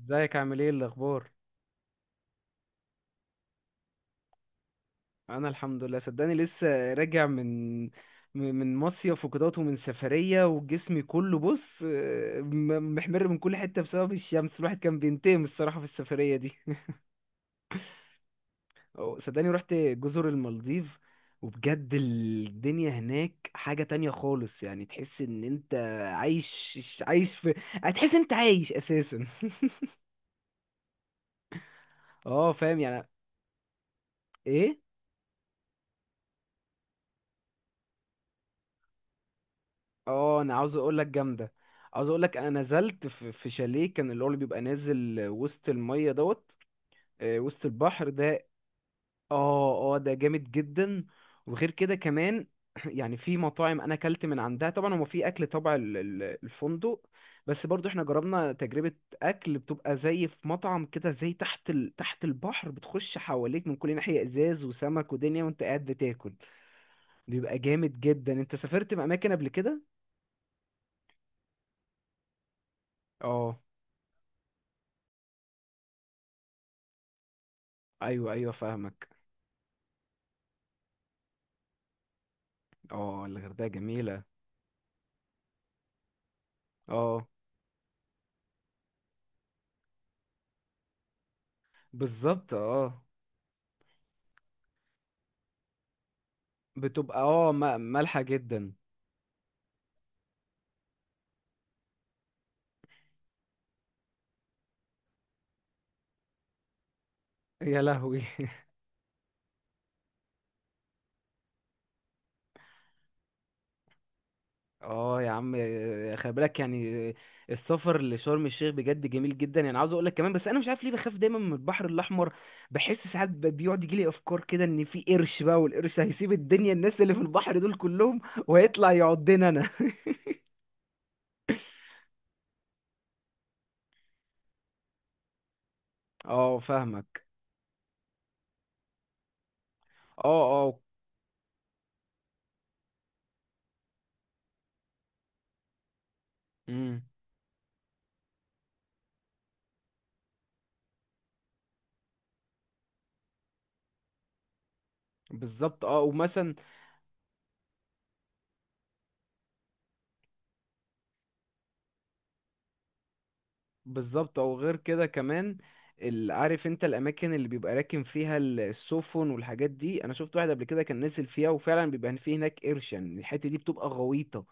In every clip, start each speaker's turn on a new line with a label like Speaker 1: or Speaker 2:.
Speaker 1: ازيك عامل ايه الاخبار؟ انا الحمد لله، صدقني لسه راجع من مصيف وكدهوت ومن سفريه، وجسمي كله بص، محمر من كل حته بسبب الشمس. الواحد كان بينتقم الصراحه في السفريه دي. صدقني رحت جزر المالديف، وبجد الدنيا هناك حاجه تانية خالص. يعني تحس ان انت عايش عايش في هتحس انت عايش اساسا. اه، فاهم يعني. ايه؟ اه، انا عاوز اقول لك جامده. عاوز اقول لك انا نزلت في شاليه، كان اللي هو اللي بيبقى نازل وسط الميه دوت، آه، وسط البحر ده. اه اه، ده جامد جدا. وغير كده كمان، يعني في مطاعم انا اكلت من عندها. طبعا هو في اكل طبع الفندق، بس برضو احنا جربنا تجربه اكل بتبقى زي في مطعم كده، زي تحت تحت البحر. بتخش حواليك من كل ناحيه ازاز وسمك ودنيا وانت قاعد بتاكل. بيبقى جامد جدا. انت سافرت اماكن قبل كده؟ اه، ايوه ايوه فاهمك. اه، الغردقة جميلة. اه، بالظبط اه. بتبقى مالحة جدا. يا لهوي. اه يا عم، خلي بالك يعني. السفر لشرم الشيخ بجد جميل جدا، يعني عاوز اقول لك كمان، بس انا مش عارف ليه بخاف دايما من البحر الاحمر. بحس ساعات بيقعد يجي لي افكار كده، ان في قرش بقى، والقرش هيسيب الدنيا، الناس اللي في البحر دول كلهم، وهيطلع يعضنا انا. اه، فاهمك. اه اه. امم. بالظبط اه، ومثلا. بالظبط، او غير كده كمان. عارف انت الاماكن اللي بيبقى راكن فيها السفن والحاجات دي؟ انا شفت واحد قبل كده كان نزل فيها، وفعلا بيبقى فيه هناك قرش. يعني الحته دي بتبقى غويطه،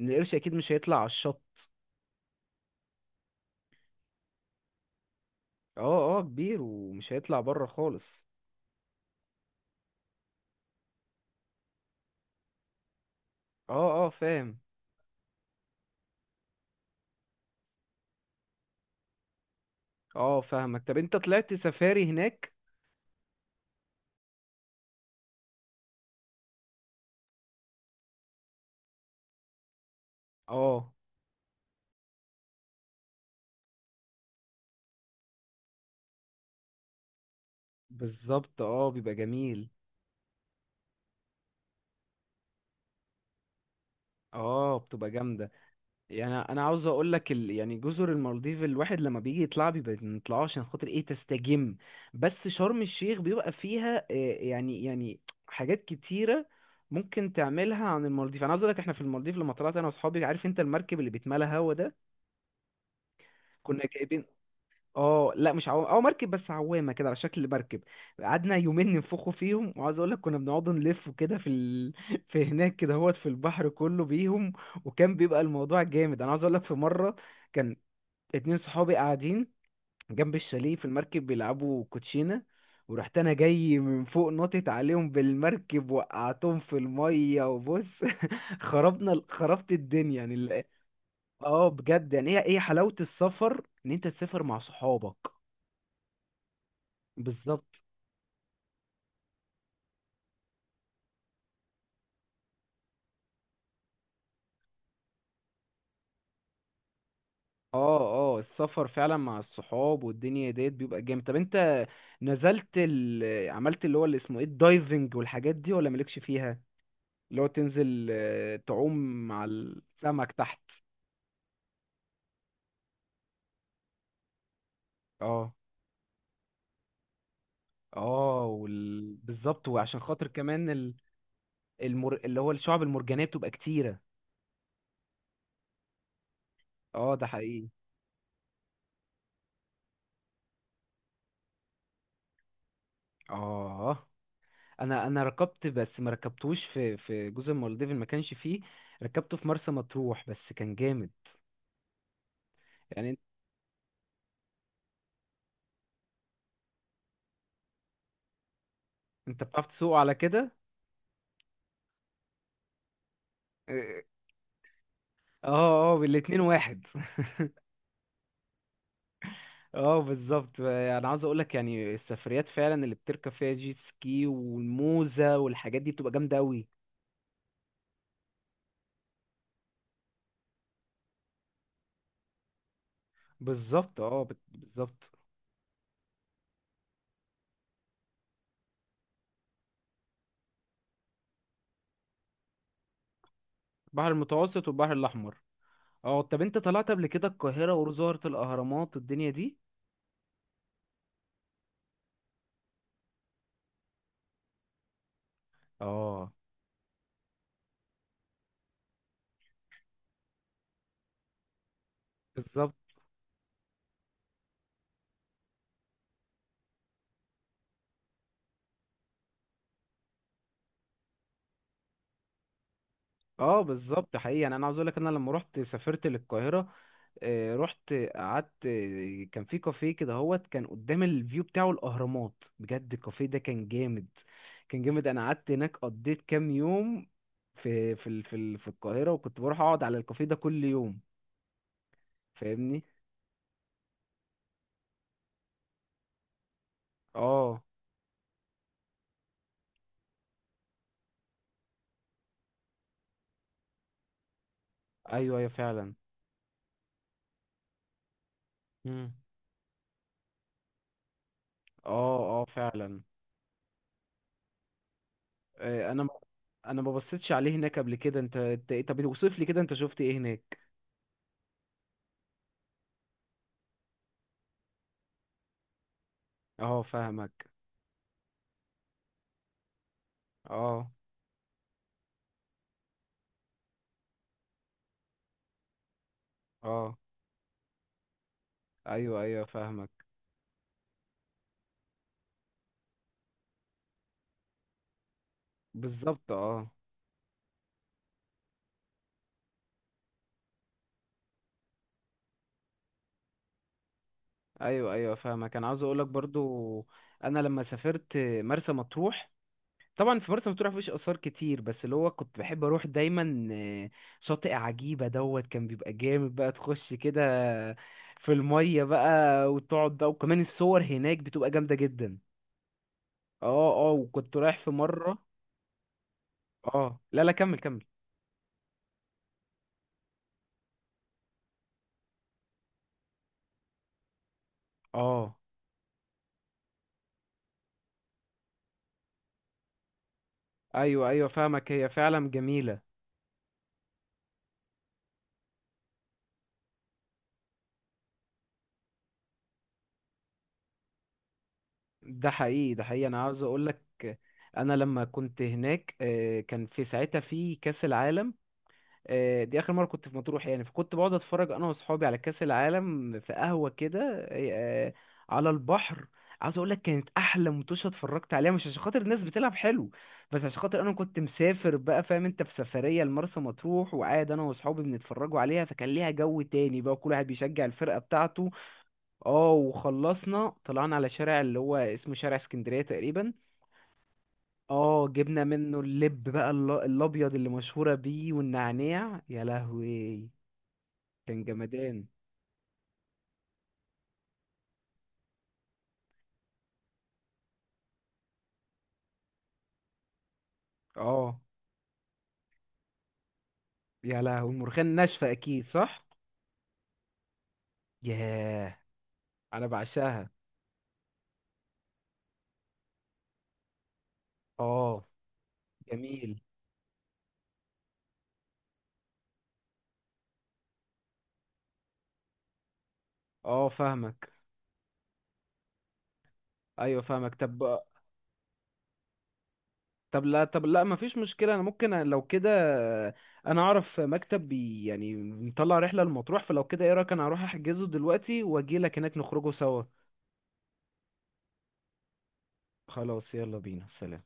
Speaker 1: ان القرش اكيد مش هيطلع على الشط. اه اه، كبير ومش هيطلع بره خالص. اه اه، فاهم. اه، فاهمك. طب انت طلعت سفاري هناك؟ اه، بالظبط اه، بيبقى جميل. اه، بتبقى جامده. يعني انا عاوز اقول لك يعني جزر المالديف الواحد لما بيجي يطلع بيبقى ما بيطلعوش، عشان خاطر ايه؟ تستجم. بس شرم الشيخ بيبقى فيها، يعني حاجات كتيره ممكن تعملها عن المالديف. انا عاوز اقول لك، احنا في المالديف لما طلعت انا واصحابي، عارف انت المركب اللي بيتملى هوا ده؟ كنا جايبين، اه لا، مش عوام، اه مركب بس عوامه كده على شكل مركب. قعدنا يومين ننفخوا فيهم، وعاوز اقول لك كنا بنقعد نلف كده في في هناك كده هوت في البحر كله بيهم. وكان بيبقى الموضوع جامد. انا عاوز اقول لك في مره كان اتنين صحابي قاعدين جنب الشاليه في المركب بيلعبوا كوتشينة، ورحت انا جاي من فوق نطت عليهم بالمركب، وقعتهم في المية، وبص. خربت الدنيا، يعني اه، بجد. يعني هي ايه حلاوة السفر؟ ان انت تسافر مع صحابك. بالظبط اه. اه، السفر فعلا مع الصحاب والدنيا ديت بيبقى جامد. طب انت نزلت عملت اللي هو اللي اسمه ايه، الدايفنج والحاجات دي، ولا مالكش فيها؟ اللي هو تنزل، آه، تعوم مع السمك تحت. اه اه بالظبط، وعشان خاطر كمان اللي هو الشعب المرجانية بتبقى كتيرة. اه، ده حقيقي. اه، انا ركبت، بس ما ركبتوش في جزر المالديف، اللي ما كانش فيه. ركبته في مرسى مطروح، بس كان جامد. يعني انت، بتعرف تسوقه على كده؟ اه اه، آه، بالاتنين واحد. اه، بالظبط. انا عاوز اقول لك، يعني السفريات فعلا اللي بتركب فيها جيت سكي والموزة والحاجات دي بتبقى جامدة قوي. بالظبط اه، بالظبط. البحر المتوسط والبحر الاحمر. اه، طب انت طلعت قبل كده القاهره وزهره الاهرامات الدنيا دي؟ اه، بالظبط. اه، بالظبط حقيقي. انا، عاوز اقول لك، انا لما رحت سافرت للقاهره، آه، رحت قعدت، آه، كان في كافيه كده هوت، كان قدام الفيو بتاعه الاهرامات. بجد الكافيه ده كان جامد، كان جامد. انا قعدت هناك قضيت كام يوم في في القاهره، وكنت بروح اقعد على الكافيه ده كل يوم. فاهمني. اه، ايوه ايوه فعلا. مم. اه اه فعلا. آه، انا ما- انا ما بصيتش عليه هناك قبل كده. انت طب اوصف لي كده، انت شفت ايه هناك؟ اه، فاهمك. اه اه. ايوه ايوه فاهمك. بالظبط اه. ايوه ايوه فاهمك. انا عاوز اقولك برضو، انا لما سافرت مرسى مطروح، طبعا في مرسى مطروح مفيش اثار كتير، بس اللي هو كنت بحب اروح دايما، آه، شاطئ عجيبه دوت. كان بيبقى جامد بقى، تخش كده في الميه بقى وتقعد بقى، وكمان الصور هناك بتبقى جامده جدا. اه اه، وكنت رايح في مره. اه لا لا، كمل كمل. اه، ايوه ايوه فاهمك، هي فعلا جميله. ده حقيقي، ده حقيقي. انا عاوز اقول لك، انا لما كنت هناك، آه، كان في ساعتها في كاس العالم، آه، دي اخر مره كنت في مطروح. يعني فكنت بقعد اتفرج انا واصحابي على كاس العالم في قهوه كده، آه، على البحر. عاوز اقول لك كانت احلى متوشه اتفرجت عليها، مش عشان خاطر الناس بتلعب حلو، بس عشان خاطر انا كنت مسافر بقى، فاهم انت، في سفريه لمرسى مطروح، وقاعد انا واصحابي بنتفرجوا عليها. فكان ليها جو تاني بقى، كل واحد بيشجع الفرقه بتاعته. اه، وخلصنا طلعنا على شارع اللي هو اسمه شارع اسكندريه تقريبا. اه، جبنا منه اللب بقى، الابيض اللي مشهوره بيه، والنعناع. يا لهوي، كان جمدان. اه، يا لهوي المرخان ناشفة اكيد، صح؟ ياه، انا بعشاها. اه، جميل. اه، فاهمك. ايوه فاهمك. طب، طب لا مفيش مشكلة، انا ممكن لو كده. انا اعرف مكتب بي يعني مطلع رحلة لمطروح، فلو كده ايه رأيك، انا اروح احجزه دلوقتي واجيلك هناك نخرجه سوا. خلاص، يلا بينا، سلام.